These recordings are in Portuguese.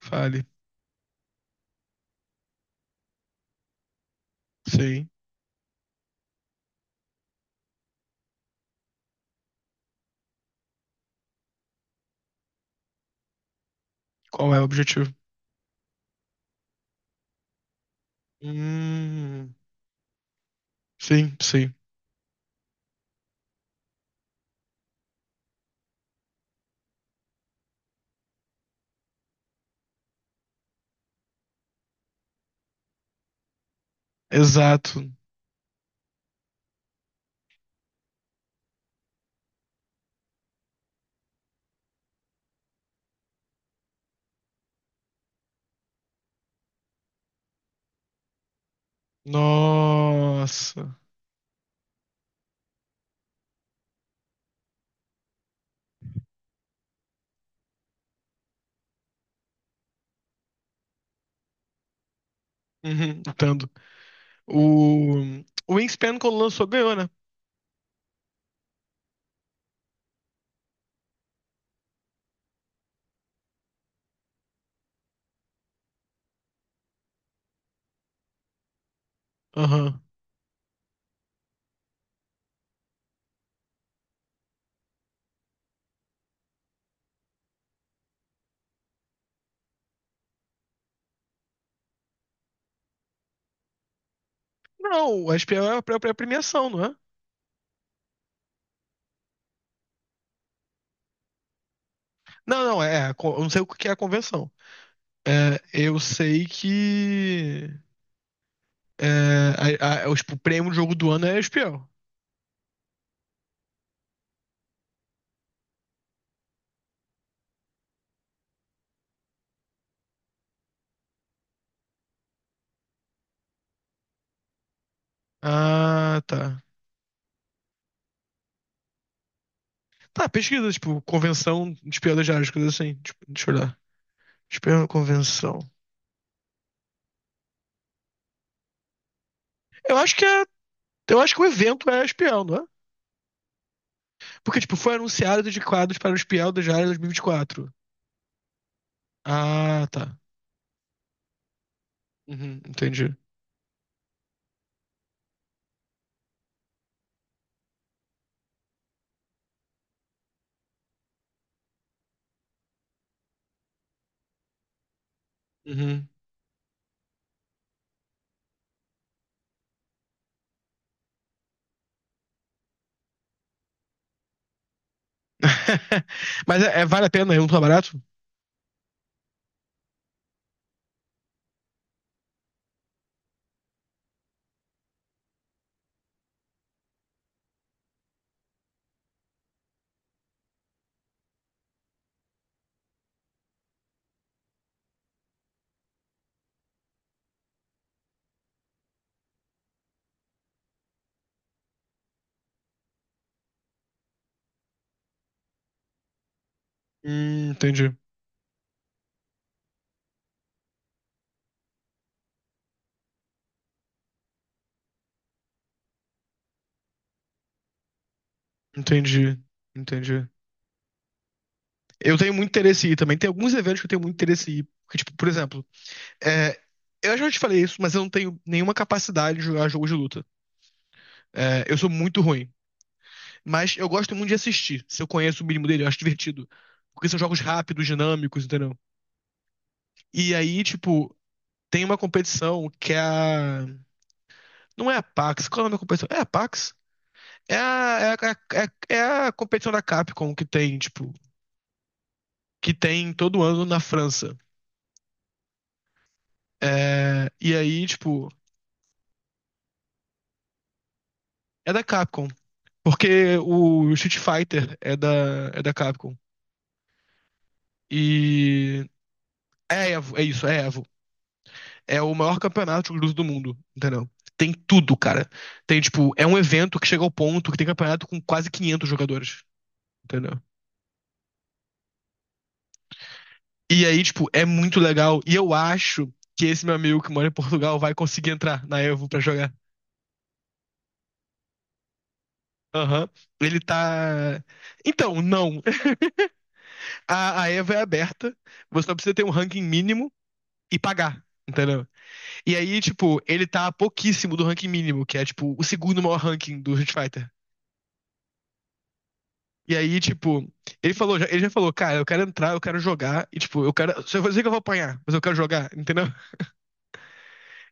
Fale. Sim. Qual é o objetivo? Hum, sim, sim. Exato. Nossa. Uhum, entendo. O, o Wingspan, quando lançou, ganhou, né? Aham. Não, a SPL é a premiação, não é? Não, não, é. Eu não sei o que é a convenção. É, eu sei que. É, tipo, o prêmio do jogo do ano é a SPL. Ah, tá. Tá, pesquisa, tipo, convenção de espião das áreas, coisas assim. Tipo, deixa eu olhar. Espião, convenção. Eu acho que é, eu acho que o evento é espião, não é? Porque, tipo, foi anunciado de quadros para o espião da Diário 2024. Ah, tá. Uhum, entendi. Uhum. Mas é, vale a pena, é um tá barato? Entendi. Entendi. Entendi. Eu tenho muito interesse em ir também. Tem alguns eventos que eu tenho muito interesse em ir. Porque, tipo, por exemplo, é, eu já te falei isso, mas eu não tenho nenhuma capacidade de jogar jogos de luta. É, eu sou muito ruim. Mas eu gosto muito de assistir. Se eu conheço o mínimo dele, eu acho divertido. Porque são jogos rápidos, dinâmicos, entendeu? E aí, tipo, tem uma competição que é a. Não é a PAX, qual é o nome da competição? É a PAX? É a, é a, é a, é a competição da Capcom que tem, tipo, que tem todo ano na França. É, e aí, tipo, é da Capcom. Porque o Street Fighter é da Capcom. E é a Evo, é isso, é a Evo. É o maior campeonato de luta do mundo, entendeu? Tem tudo, cara. Tem, tipo, é um evento que chega ao ponto que tem campeonato com quase 500 jogadores, entendeu? E aí, tipo, é muito legal. E eu acho que esse meu amigo que mora em Portugal vai conseguir entrar na Evo pra jogar. Aham. Ele tá. Então, não. A Evo é aberta. Você só precisa ter um ranking mínimo e pagar. Entendeu? E aí, tipo, ele tá pouquíssimo do ranking mínimo, que é, tipo, o segundo maior ranking do Street Fighter. E aí, tipo, ele falou, ele já falou, cara, eu quero entrar, eu quero jogar, e tipo, eu quero. Se eu vou dizer que eu vou apanhar, mas eu quero jogar, entendeu?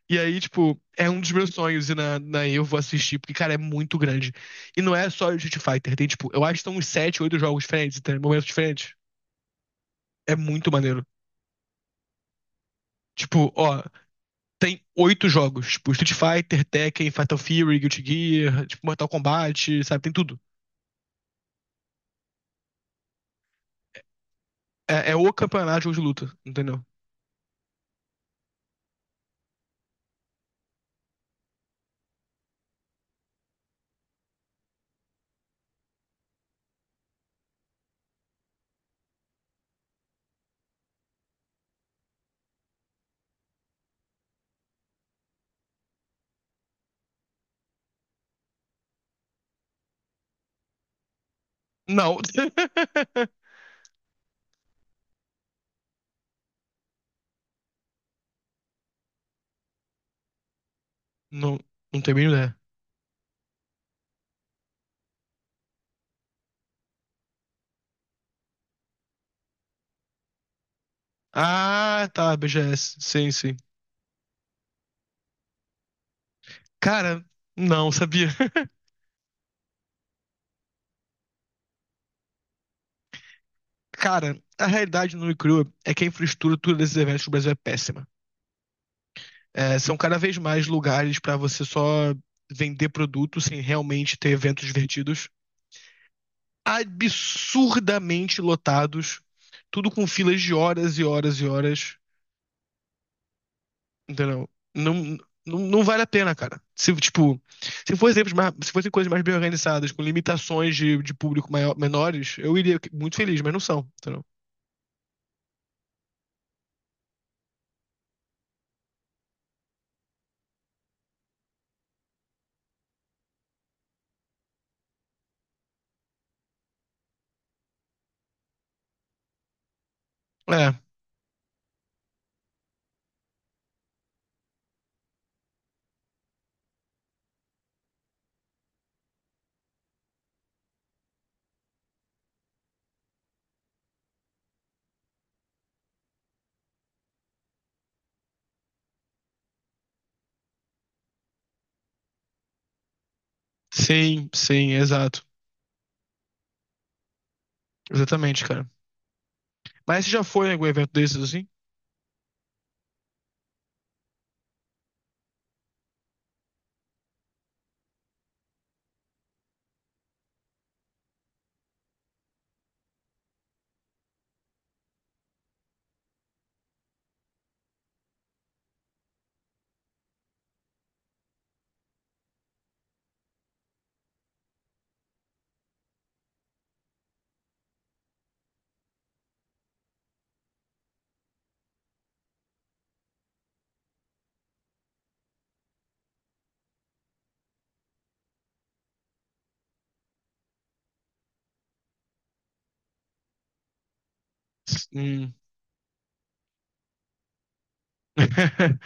E aí, tipo, é um dos meus sonhos e na eu vou assistir, porque, cara, é muito grande. E não é só Street Fighter, tem, tipo, eu acho que são uns sete oito jogos diferentes, tem momentos diferentes. É muito maneiro. Tipo, ó, tem oito jogos, tipo, Street Fighter, Tekken, Fatal Fury, Guilty Gear, tipo, Mortal Kombat, sabe, tem tudo. É, é o campeonato de jogo de luta, entendeu? Não. Não, não tenho a mínima ideia. Ah, tá, BGS, sim, sim. Cara, não, sabia. Cara, a realidade nua e crua é que a infraestrutura desses eventos no Brasil é péssima. É, são cada vez mais lugares pra você só vender produto sem realmente ter eventos divertidos. Absurdamente lotados, tudo com filas de horas e horas e horas, entendeu? Não, não, não vale a pena, cara. Se, tipo, se fossem exemplos mais, se fossem coisas mais bem organizadas, com limitações de menores, eu iria muito feliz, mas não são, entendeu? É, sim, sim, exato. Exatamente, cara. Mas você já foi em algum evento desses assim? Hum.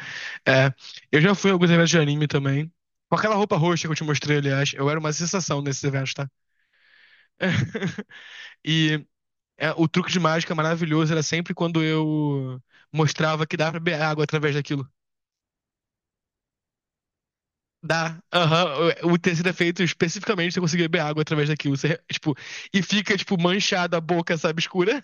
É, eu já fui em alguns eventos de anime também. Com aquela roupa roxa que eu te mostrei, aliás, eu era uma sensação nesses eventos, tá? E é, o truque de mágica maravilhoso era sempre quando eu mostrava que dá pra beber água através daquilo. Dá, aham, o tecido é feito especificamente pra você conseguir beber água através daquilo. Você, tipo, e fica, tipo, manchada a boca, sabe, escura.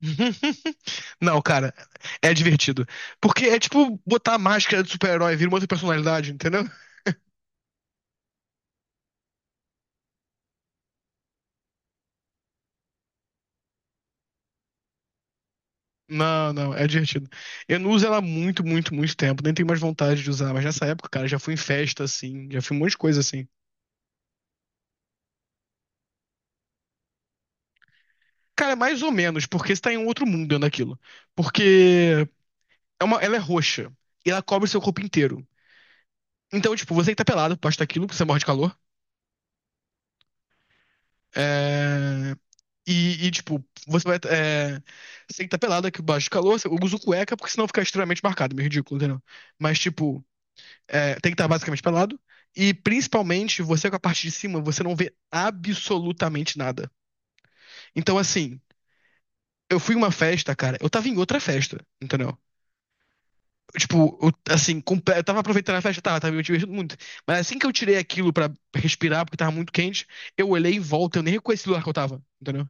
Não, cara, é divertido. Porque é tipo botar a máscara de super-herói, vira uma outra personalidade, entendeu? Não, não, é divertido. Eu não uso ela há muito, muito, muito tempo, nem tenho mais vontade de usar, mas nessa época, cara, já fui em festa assim, já fui em um monte de coisa assim. Cara, é mais ou menos, porque você tá em um outro mundo dentro daquilo. Porque é uma, ela é roxa e ela cobre seu corpo inteiro. Então, tipo, você que tá pelado, posta aquilo, porque você morre de calor. É, tipo, você vai. É... Você tem que estar pelado aqui baixo do calor. Eu uso cueca porque senão fica extremamente marcado, meio ridículo, entendeu? Mas, tipo, é, tem que estar basicamente pelado. E principalmente, você com a parte de cima, você não vê absolutamente nada. Então, assim, eu fui em uma festa, cara. Eu tava em outra festa, entendeu? Tipo, eu, assim, eu tava aproveitando a festa, tava me divertindo muito. Mas assim que eu tirei aquilo pra respirar, porque tava muito quente, eu olhei em volta, eu nem reconheci o lugar que eu tava, entendeu?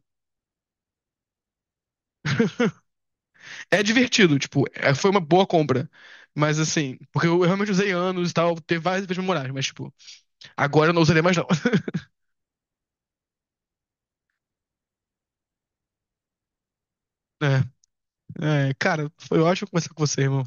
É divertido, tipo, foi uma boa compra. Mas assim, porque eu realmente usei anos e tal, teve várias vezes memoráveis, mas tipo, agora eu não usarei mais não. É, é, cara, foi ótimo conversar com você, irmão.